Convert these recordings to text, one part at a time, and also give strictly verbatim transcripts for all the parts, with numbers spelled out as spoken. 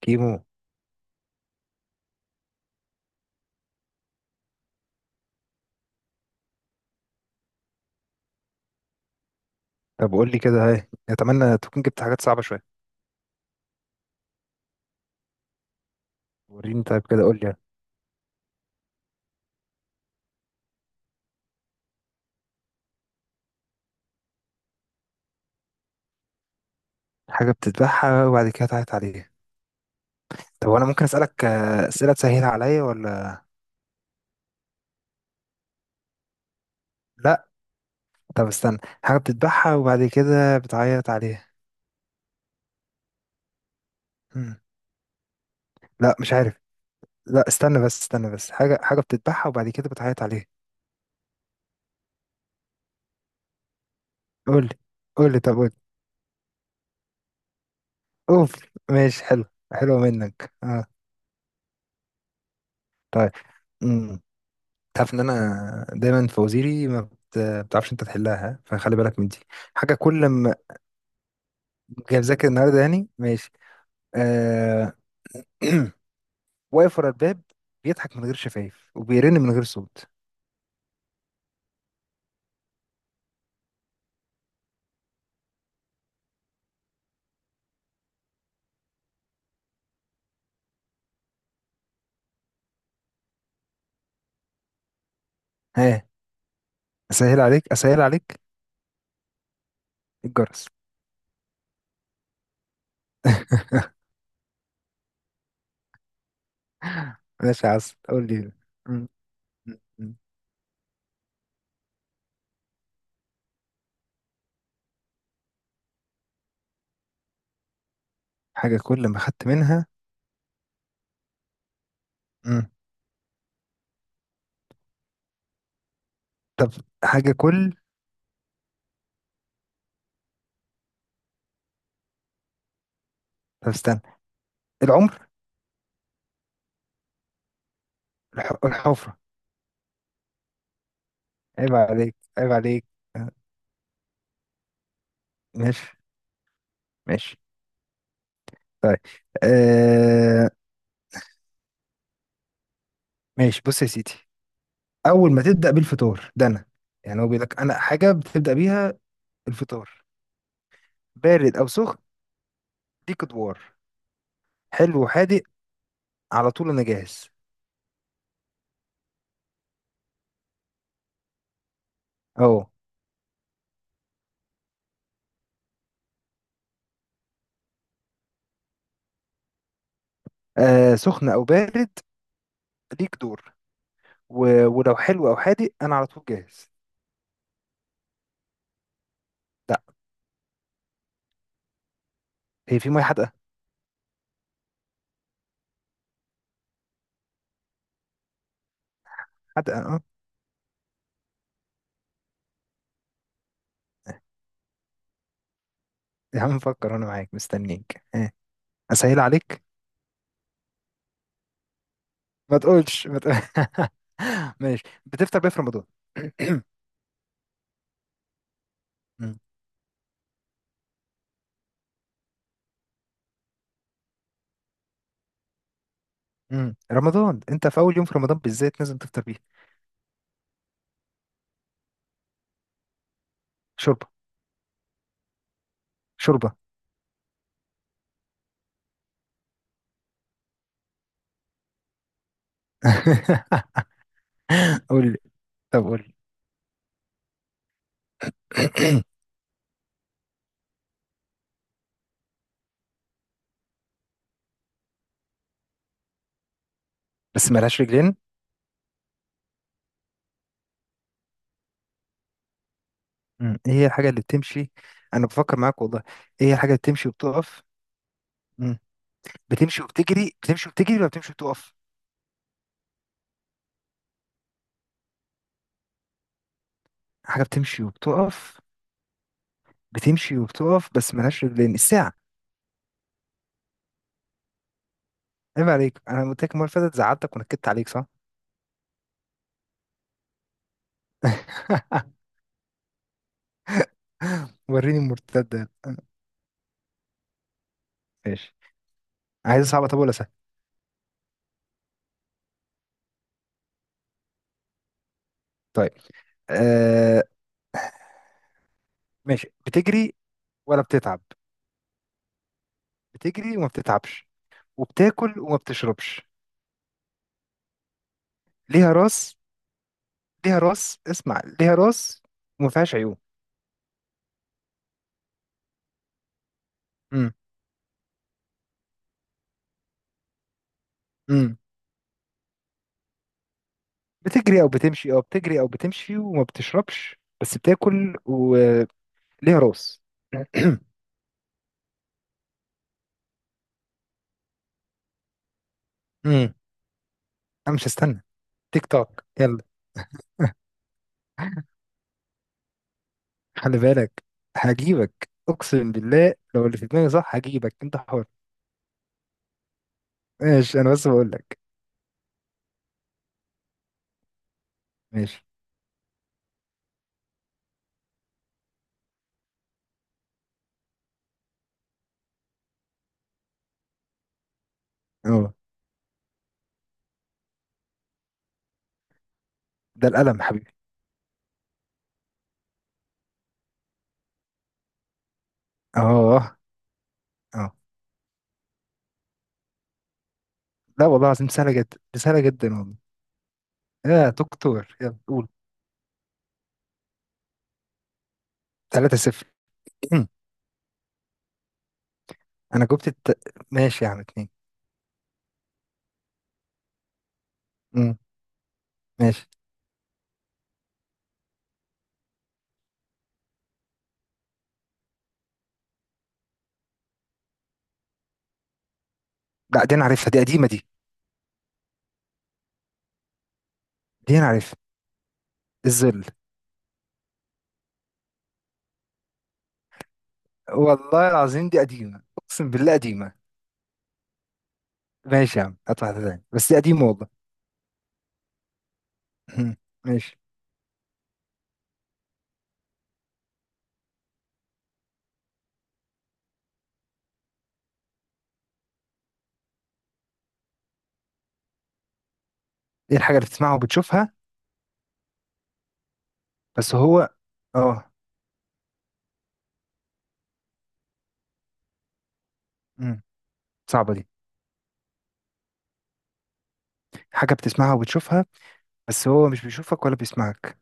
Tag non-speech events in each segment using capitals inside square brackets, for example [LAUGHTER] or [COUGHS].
كيمو. طب قول لي كده، هاي اتمنى تكون جبت حاجات صعبه شويه. وريني طيب كده قول لي يعني. حاجه بتذبحها وبعد كده تعيط عليها؟ طب وانا ممكن اسالك آه، اسئله تسهل عليا ولا لا؟ طب استنى. حاجه بتذبحها وبعد كده بتعيط عليها. مم. لا مش عارف. لا استنى بس، استنى بس، حاجه، حاجه بتذبحها وبعد كده بتعيط عليها. قول لي، قول لي، طب قول لي. اوف. ماشي حلو، حلوه منك، اه. طيب. امم، تعرف ان انا دايما فوازيري ما بت- بتعرفش انت تحلها، ها؟ فخلي بالك من دي. حاجه كل ما. اوكي، مذاكر النهارده يعني، ماشي. آه... [CLEARS THROAT] واقف ورا الباب، بيضحك من غير شفايف وبيرن من غير صوت. ها؟ اسهل عليك، اسهل عليك. الجرس. [LAUGHS] ماشي يا عسل، قول لي. م- م- م. حاجة كل ما خدت منها. م. طب. حاجة كل. طب استنى، العمر. الح... الحفرة. عيب عليك، عيب عليك. آه، ماشي ماشي. طيب. آه... ماشي، بص يا سيدي. أول ما تبدأ بالفطار ده، أنا يعني هو بيقول لك أنا حاجة بتبدأ بيها الفطار، بارد او سخن، دي ادوار، حلو وحادق، على طول انا جاهز. اهو. آه، سخن او بارد، ليك دور، و... ولو حلو او حادق انا على طول جاهز. لا، هي في ميه حادقه؟ حادقه اه. يا عم فكر، انا معاك مستنيك آه. اسهل عليك. ما تقولش، ما تقول... [LAUGHS] ماشي، بتفطر بيه في رمضان. [CLEARS THROAT] مم. مم. رمضان، انت في اول يوم في رمضان بالذات لازم تفطر بيه. شوربه. شوربه. [LAUGHS] قول لي، طب قول لي. [CLEARS THROAT] بس ملهاش رجلين. مم. ايه هي الحاجة اللي بتمشي؟ انا بفكر معاك والله. ايه هي الحاجة اللي بتمشي وبتقف؟ مم. بتمشي وبتجري، بتمشي وبتجري ولا بتمشي وبتقف؟ حاجة بتمشي وبتقف، بتمشي وبتقف بس ملهاش رجلين. الساعة. عيب عليك، انا قلت لك المرة اللي فاتت زعلتك ونكدت عليك، صح؟ [LAUGHS] وريني المرتدة. ماشي، عايز صعبة طب ولا سهل؟ طيب. آه. ماشي، بتجري ولا بتتعب؟ بتجري وما بتتعبش، وبتاكل وما بتشربش، ليها راس، ليها راس، اسمع، ليها راس وما فيهاش عيون. امم. بتجري او بتمشي، اه بتجري او بتمشي وما بتشربش بس بتاكل، وليها راس. [CLEARS THROAT] امم. انا مش هستنى، تيك توك يلا. خلي بالك، هجيبك اقسم بالله، لو اللي في دماغي صح هجيبك، انت حر. ماشي انا بس بقول لك. ماشي. اه، ده القلم حبيبي. اه، اه. لا والله العظيم سهله جدا، دي سهله جدا والله. يا دكتور يلا قول. ثلاثة صفر. [CLEARS THROAT] انا جبت الت... ماشي يا عم، اتنين. مم. ماشي. لا، دي انا عارفها، دي قديمه دي، دي انا عارفها. الذل. والله العظيم دي قديمة، أقسم بالله قديمة. ماشي يا عم، هات واحدة تاني بس دي قديمة والله. مم. ماشي. إيه الحاجة اللي بتسمعها وبتشوفها بس هو؟ آه. مم. صعبة دي. حاجة بتسمعها وبتشوفها بس هو مش بيشوفك ولا بيسمعك.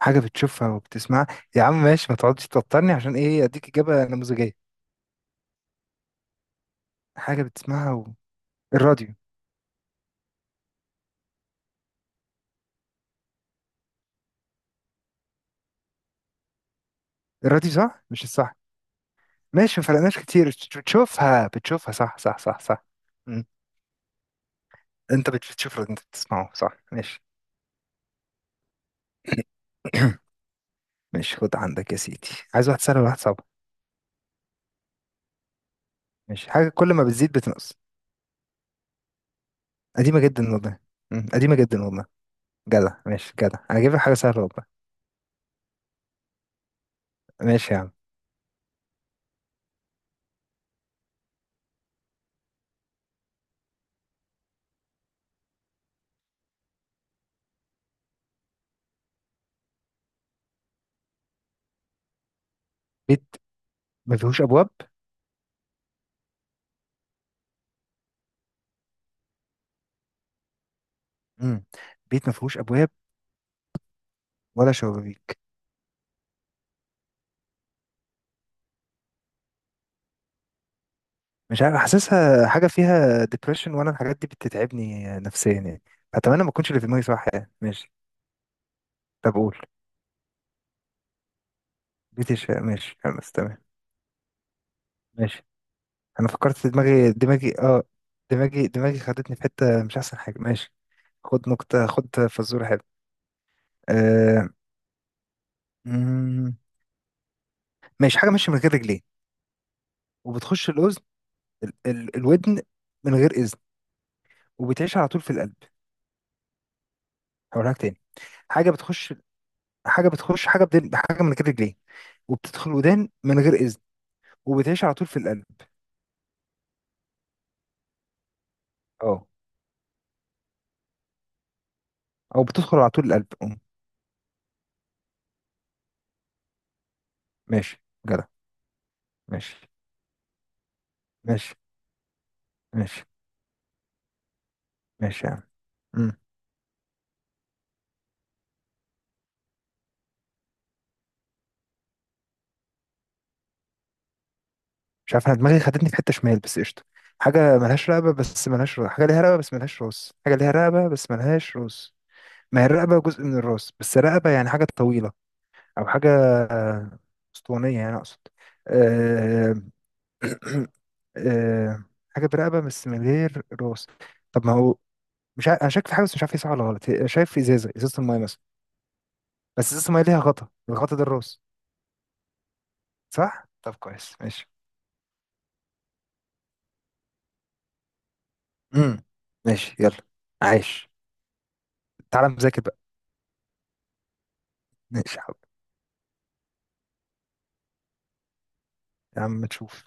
حاجة بتشوفها وبتسمعها. يا عم ماشي، ما تقعدش توترني عشان إيه، أديك إجابة نموذجية. حاجة بتسمعها و... الراديو. الراديو صح مش الصح؟ ماشي، ما فرقناش كتير، بت- بتشوفها، بتشوفها، صح صح صح صح. مم. أنت بت- بتشوف الراديو، أنت بتسمعه، صح؟ ماشي. [COUGHS] ماشي، خد عندك يا سيدي. عايز واحد سهل ولا واحد صعب؟ ماشي. حاجة كل ما بتزيد بتنقص. قديمة جدا والله. مم، قديمة جدا والله. جدع، ماشي جدع، انا جايب لك حاجة سهلة والله. ماشي يا عم. بيت ما فيهوش ابواب. مم. بيت ما فيهوش ابواب ولا شبابيك. مش عارف، حاسسها حاجة فيها ديبريشن وانا الحاجات دي بتتعبني نفسيا يعني. اتمنى ما اكونش اللي في دماغي صح يعني، ماشي. طب قول. بيت الشعر. ماشي خلاص، تمام. ماشي. انا فكرت في دماغي، دماغي اه، دماغي دماغي خدتني في حتة مش احسن حاجة. ماشي، خد نكتة، خد فزورة حلوة. آه. مم، ماشي. حاجة ماشية من غير رجلين، وبتخش الأذن، ال ال الودن، من غير إذن، وبتعيش على طول في القلب. هقولها لك تاني. حاجة بتخش حاجة بتخش، حاجة بدل حاجة، من غير رجلين، وبتدخل الودان من غير إذن، وبتعيش على طول في القلب. اه. أو بتدخل على طول القلب. أم، ماشي، جدع. ماشي ماشي. ماشي ماشي يا عم. مش عارف، انا دماغي خدتني في حته شمال، بس قشطه. حاجه ملهاش رقبه بس ملهاش راس، حاجه ليها رقبه بس ملهاش راس، حاجه ليها رقبه بس ملهاش راس. ما هي الرقبه جزء من الراس، بس رقبه يعني حاجه طويله او حاجه آه، اسطوانيه يعني اقصد. أه... [CLEARS THROAT] أه... حاجه برقبه بس من غير راس. طب ما هو مش عارف، انا شاك في حاجه بس مش عارف هي صح ولا غلط، هي- شايف في ازازه، ازازه المايه مثلا، بس ازازه المايه ليها غطا، الغطا ده الراس. صح؟ طب كويس، ماشي. امم. ماشي يلا. عايش؟ تعالى مذاكر بقى. ماشي يا عم، تشوف.